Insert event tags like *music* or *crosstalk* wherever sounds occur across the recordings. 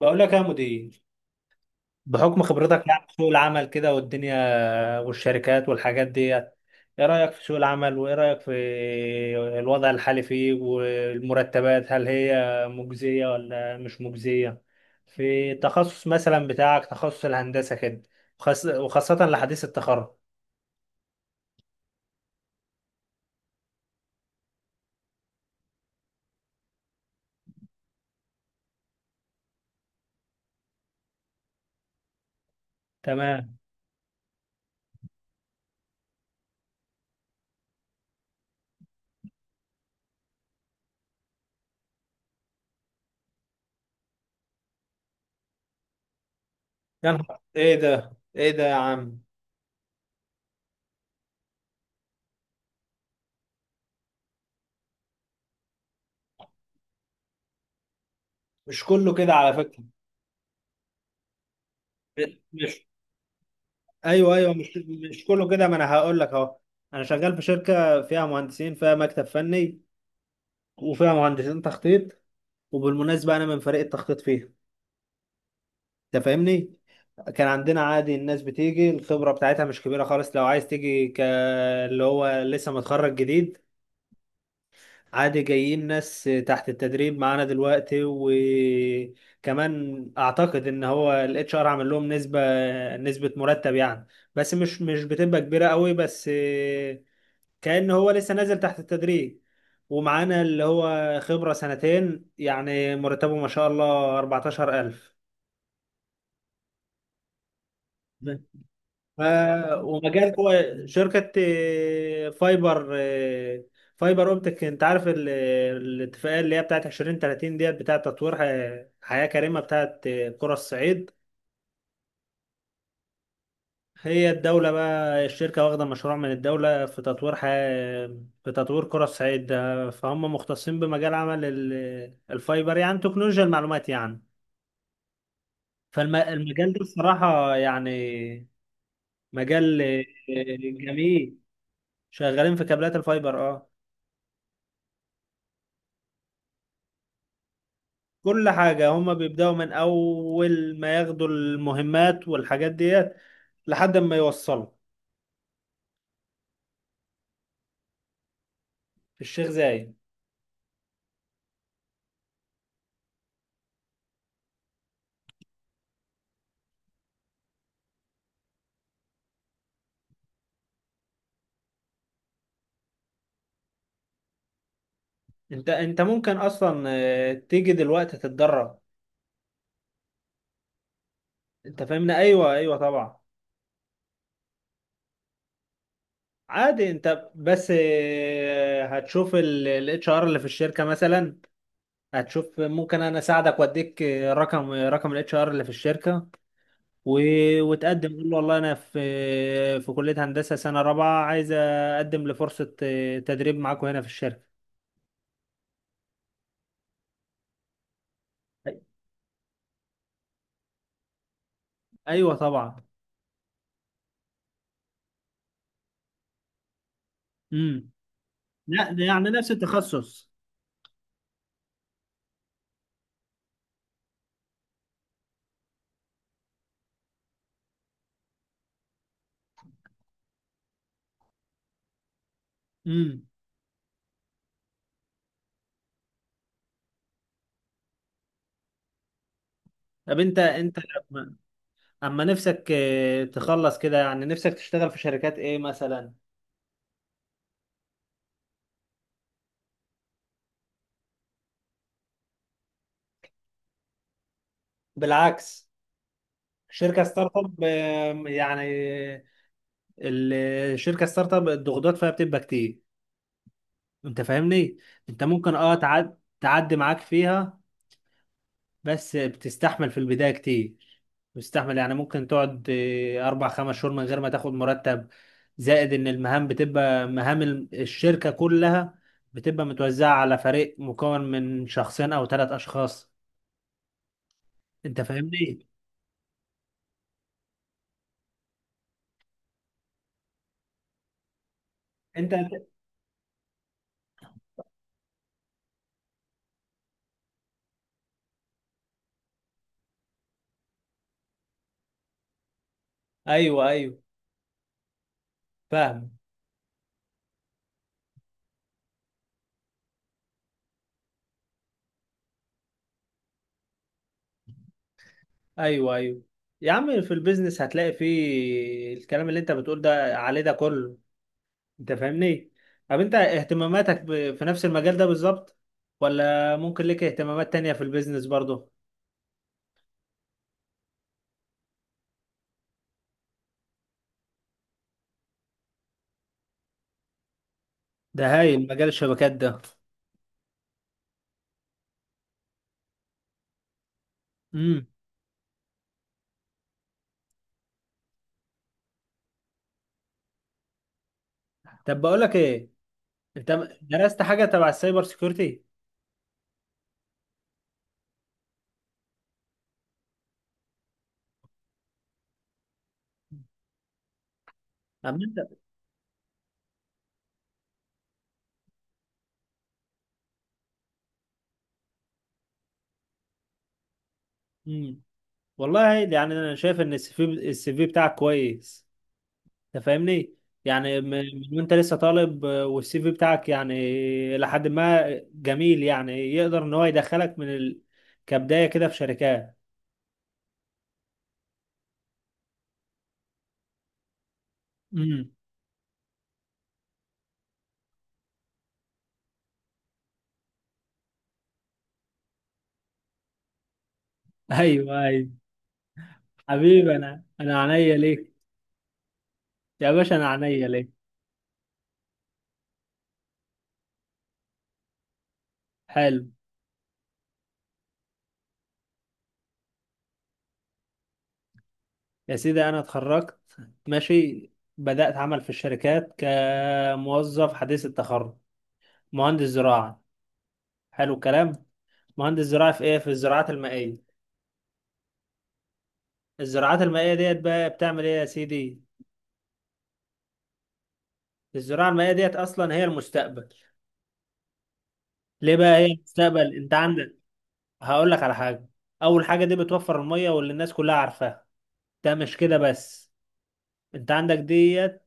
بقول لك يا مدير، بحكم خبرتك يعني في سوق العمل كده والدنيا والشركات والحاجات ديت، ايه رأيك في سوق العمل؟ وايه رأيك في الوضع الحالي فيه والمرتبات؟ هل هي مجزية ولا مش مجزية في التخصص مثلا بتاعك، تخصص الهندسة كده؟ وخاصة لحديث التخرج. تمام. يا نهار ايه ده، ايه ده يا عم! مش كله كده على فكرة. مش، ايوه ايوه، مش مش كله كده. ما انا هقول لك اهو. انا شغال في شركه فيها مهندسين، فيها مكتب فني وفيها مهندسين تخطيط، وبالمناسبه انا من فريق التخطيط فيها. انت فاهمني. كان عندنا عادي الناس بتيجي الخبره بتاعتها مش كبيره خالص، لو عايز تيجي ك اللي هو لسه متخرج جديد، عادي. جايين ناس تحت التدريب معانا دلوقتي، وكمان اعتقد ان هو الاتش ار عامل لهم نسبه، نسبه مرتب يعني. بس مش بتبقى كبيره قوي، بس كأنه هو لسه نازل تحت التدريج. ومعانا اللي هو خبرة سنتين يعني مرتبه ما شاء الله 14,000. ف... ومجال شركة فايبر، فايبر اوبتك. انت عارف الاتفاقية اللي هي بتاعت 2030 ديت، بتاعت تطوير حياة كريمة، بتاعت قرى الصعيد. هي الدولة بقى، الشركة واخدة مشروع من الدولة في تطوير في تطوير قرى الصعيد ده، فهم مختصين بمجال عمل الفايبر، يعني تكنولوجيا المعلومات يعني. فالمجال ده الصراحة يعني مجال جميل. شغالين في كابلات الفايبر اه. كل حاجة هم بيبدأوا من أول ما ياخدوا المهمات والحاجات ديت لحد ما يوصلوا. في الشيخ زايد. انت ممكن اصلا تيجي دلوقتي تتدرب. انت فاهمنا. ايوه ايوه طبعا. عادي، انت بس هتشوف الاتش ار اللي في الشركه مثلا. هتشوف، ممكن انا اساعدك واديك رقم الاتش ار اللي في الشركه. و... وتقدم، قول له والله انا في في كليه هندسه سنه رابعه، عايز اقدم لفرصه تدريب معاكم هنا في الشركه. أي- ايوه طبعا. امم. لا ده يعني نفس التخصص. امم. طب انت، لما- اما نفسك تخلص كده، يعني نفسك تشتغل في شركات ايه مثلا؟ بالعكس، شركه ستارت اب يعني، ال- الشركه ستارت اب الضغوطات فيها بتبقى كتير. انت فاهمني. انت ممكن اه تعدي معاك فيها، بس بتستحمل في البدايه كتير. بتستحمل يعني ممكن تقعد اربع خمس شهور من غير ما تاخد مرتب. زائد ان المهام بتبقى مهام الشركه كلها، بتبقى متوزعه على فريق مكون من شخصين او ثلاث اشخاص. انت فاهمني. انت ايوه ايوه فاهم. ايوه ايوه. يا عم في البيزنس هتلاقي فيه الكلام اللي انت بتقول ده عليه ده كله. انت فاهمني. طب انت اهتماماتك في نفس المجال ده بالظبط، ولا ممكن ليك اهتمامات تانية في البيزنس برضه؟ ده هايل مجال الشبكات ده. امم. طب بقول لك ايه، انت درست حاجة تبع السايبر سيكيورتي؟ أما انت. امم. والله يعني انا شايف ان السي في بتاعك كويس. انت فاهمني. يعني من، من وانت لسه طالب والسي في بتاعك، يعني لحد ما، جميل يعني. يقدر ان هو يدخلك من كبداية كده في شركات. امم. *laughs* ايوه ايوه. حبيبي، انا عينيا ليك. يا باشا انا عينيا ليك. حلو. يا سيدي انا اتخرجت، ماشي، بدأت عمل في الشركات كموظف حديث التخرج، مهندس زراعة. حلو الكلام. مهندس زراعة في ايه؟ في الزراعات المائية. الزراعات المائية ديت بقى بتعمل ايه يا سيدي؟ الزراعة المائية ديت أصلا هي المستقبل. ليه بقى هي المستقبل؟ أنت عندك، هقول لك على حاجة. أول حاجة دي بتوفر المية، واللي الناس كلها عارفاها. ده مش كده بس، أنت عندك ديت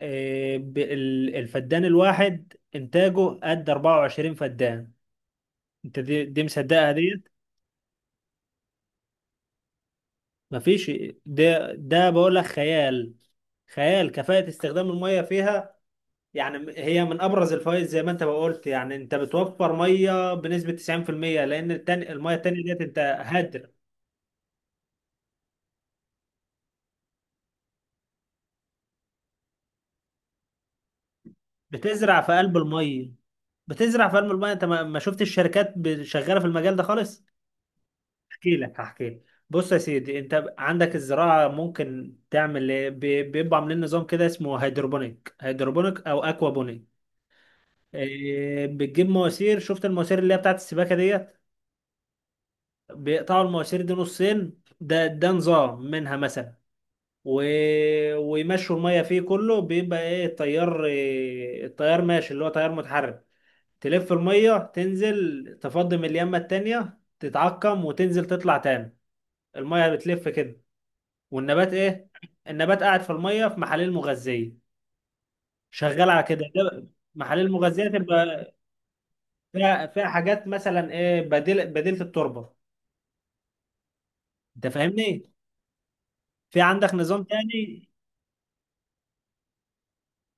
الفدان الواحد إنتاجه قد 24 فدان. أنت دي مصدقها ديت؟ مفيش. ده بقول لك خيال، خيال كفاءة استخدام المية فيها. يعني هي من ابرز الفوائد، زي ما انت ما قلت، يعني انت بتوفر ميه بنسبه 90%، لان التاني الميه التانيه ديت انت هدر. بتزرع في قلب الميه، بتزرع في قلب الميه. انت ما شفتش الشركات شغاله في المجال ده خالص؟ احكي لك، هحكي لك. بص يا سيدي، انت عندك الزراعه ممكن تعمل ايه؟ بيبقوا عاملين نظام كده اسمه هيدروبونيك، هيدروبونيك او اكوابونيك. إيه، بتجيب مواسير. شفت المواسير اللي هي بتاعت السباكه ديت؟ بيقطعوا المواسير دي نصين. ده نظام منها مثلا. و... ويمشوا الميه فيه، كله بيبقى ايه، التيار، إيه التيار ماشي، اللي هو تيار متحرك. تلف المية، تنزل تفضي من اليمة التانية، تتعقم وتنزل تطلع تاني. المية بتلف كده. والنبات ايه؟ النبات قاعد في المية في محاليل مغذية، شغال على كده ده. محاليل مغذية تبقى فيها، فيها حاجات مثلا ايه، بديل، بديلة التربة. انت فاهمني. في عندك نظام تاني.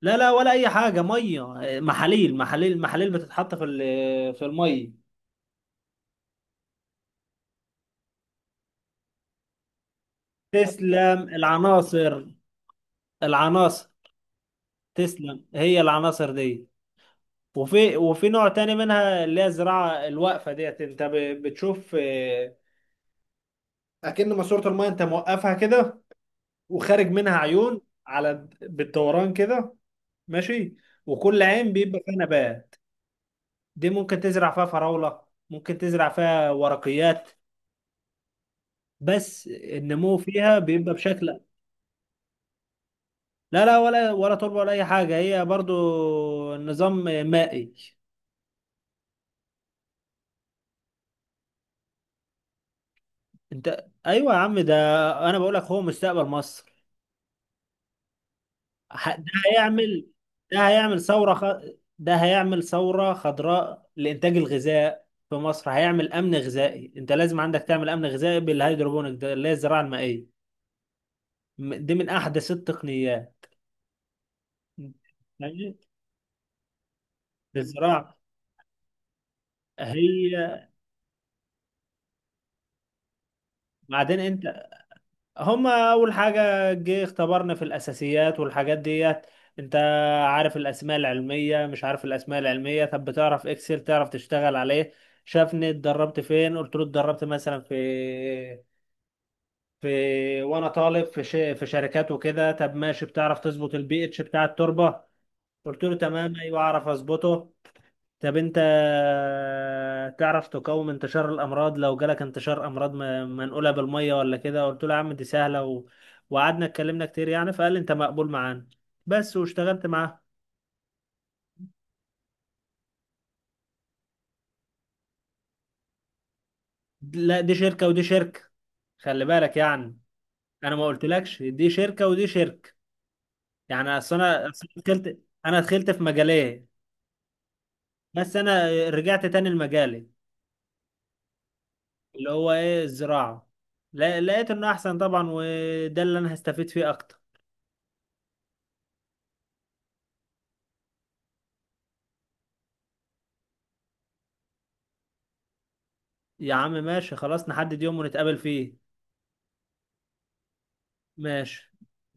لا لا، ولا اي حاجة. مية، محاليل محاليل محاليل بتتحط في في المية. تسلم، العناصر، العناصر، تسلم، هي العناصر دي. وفي، وفي نوع تاني منها، اللي هي الزراعة الواقفة ديت، انت بتشوف اكن ماسورة المايه انت موقفها كده، وخارج منها عيون على بالدوران كده، ماشي. وكل عين بيبقى فيها نبات. دي ممكن تزرع فيها فراولة، ممكن تزرع فيها ورقيات، بس النمو فيها بيبقى بشكل. لا لا، ولا ولا تربة ولا اي حاجة، هي برضو نظام مائي. انت ايوه يا عم، ده انا بقول لك هو مستقبل مصر. ه- ده هيعمل، هيعمل ده هيعمل ثورة خضراء لإنتاج الغذاء في مصر، هيعمل أمن غذائي. أنت لازم عندك تعمل أمن غذائي بالهيدروبونيك ده، اللي هي الزراعة المائية. دي من أحدث التقنيات. يعني الزراعة، هي بعدين أنت، هما اول حاجه جه اختبرنا في الاساسيات والحاجات ديت. انت عارف الاسماء العلميه، مش عارف الاسماء العلميه؟ طب بتعرف اكسل، تعرف تشتغل عليه؟ شافني اتدربت فين، قلت له اتدربت مثلا في، في، وانا طالب في في شركات وكده. طب ماشي، بتعرف تظبط البي اتش بتاع التربه؟ قلت له تمام، ايوه اعرف اظبطه. طب انت تعرف تقاوم انتشار الامراض، لو جالك انتشار امراض منقوله بالميه ولا كده؟ قلت له يا عم دي سهله. و... وقعدنا اتكلمنا كتير يعني، فقال لي انت مقبول معانا، بس. واشتغلت معاه. لا، دي شركه ودي شركه، خلي بالك يعني. انا ما قلتلكش دي شركه ودي شركه. يعني اصل انا، اصل أنا دخلت، انا دخلت في مجالين، بس انا رجعت تاني لمجالي، اللي هو ايه الزراعه. لقيت انه احسن طبعا، وده اللي انا هستفيد فيه اكتر. يا عم ماشي خلاص، نحدد يوم ونتقابل فيه. ماشي.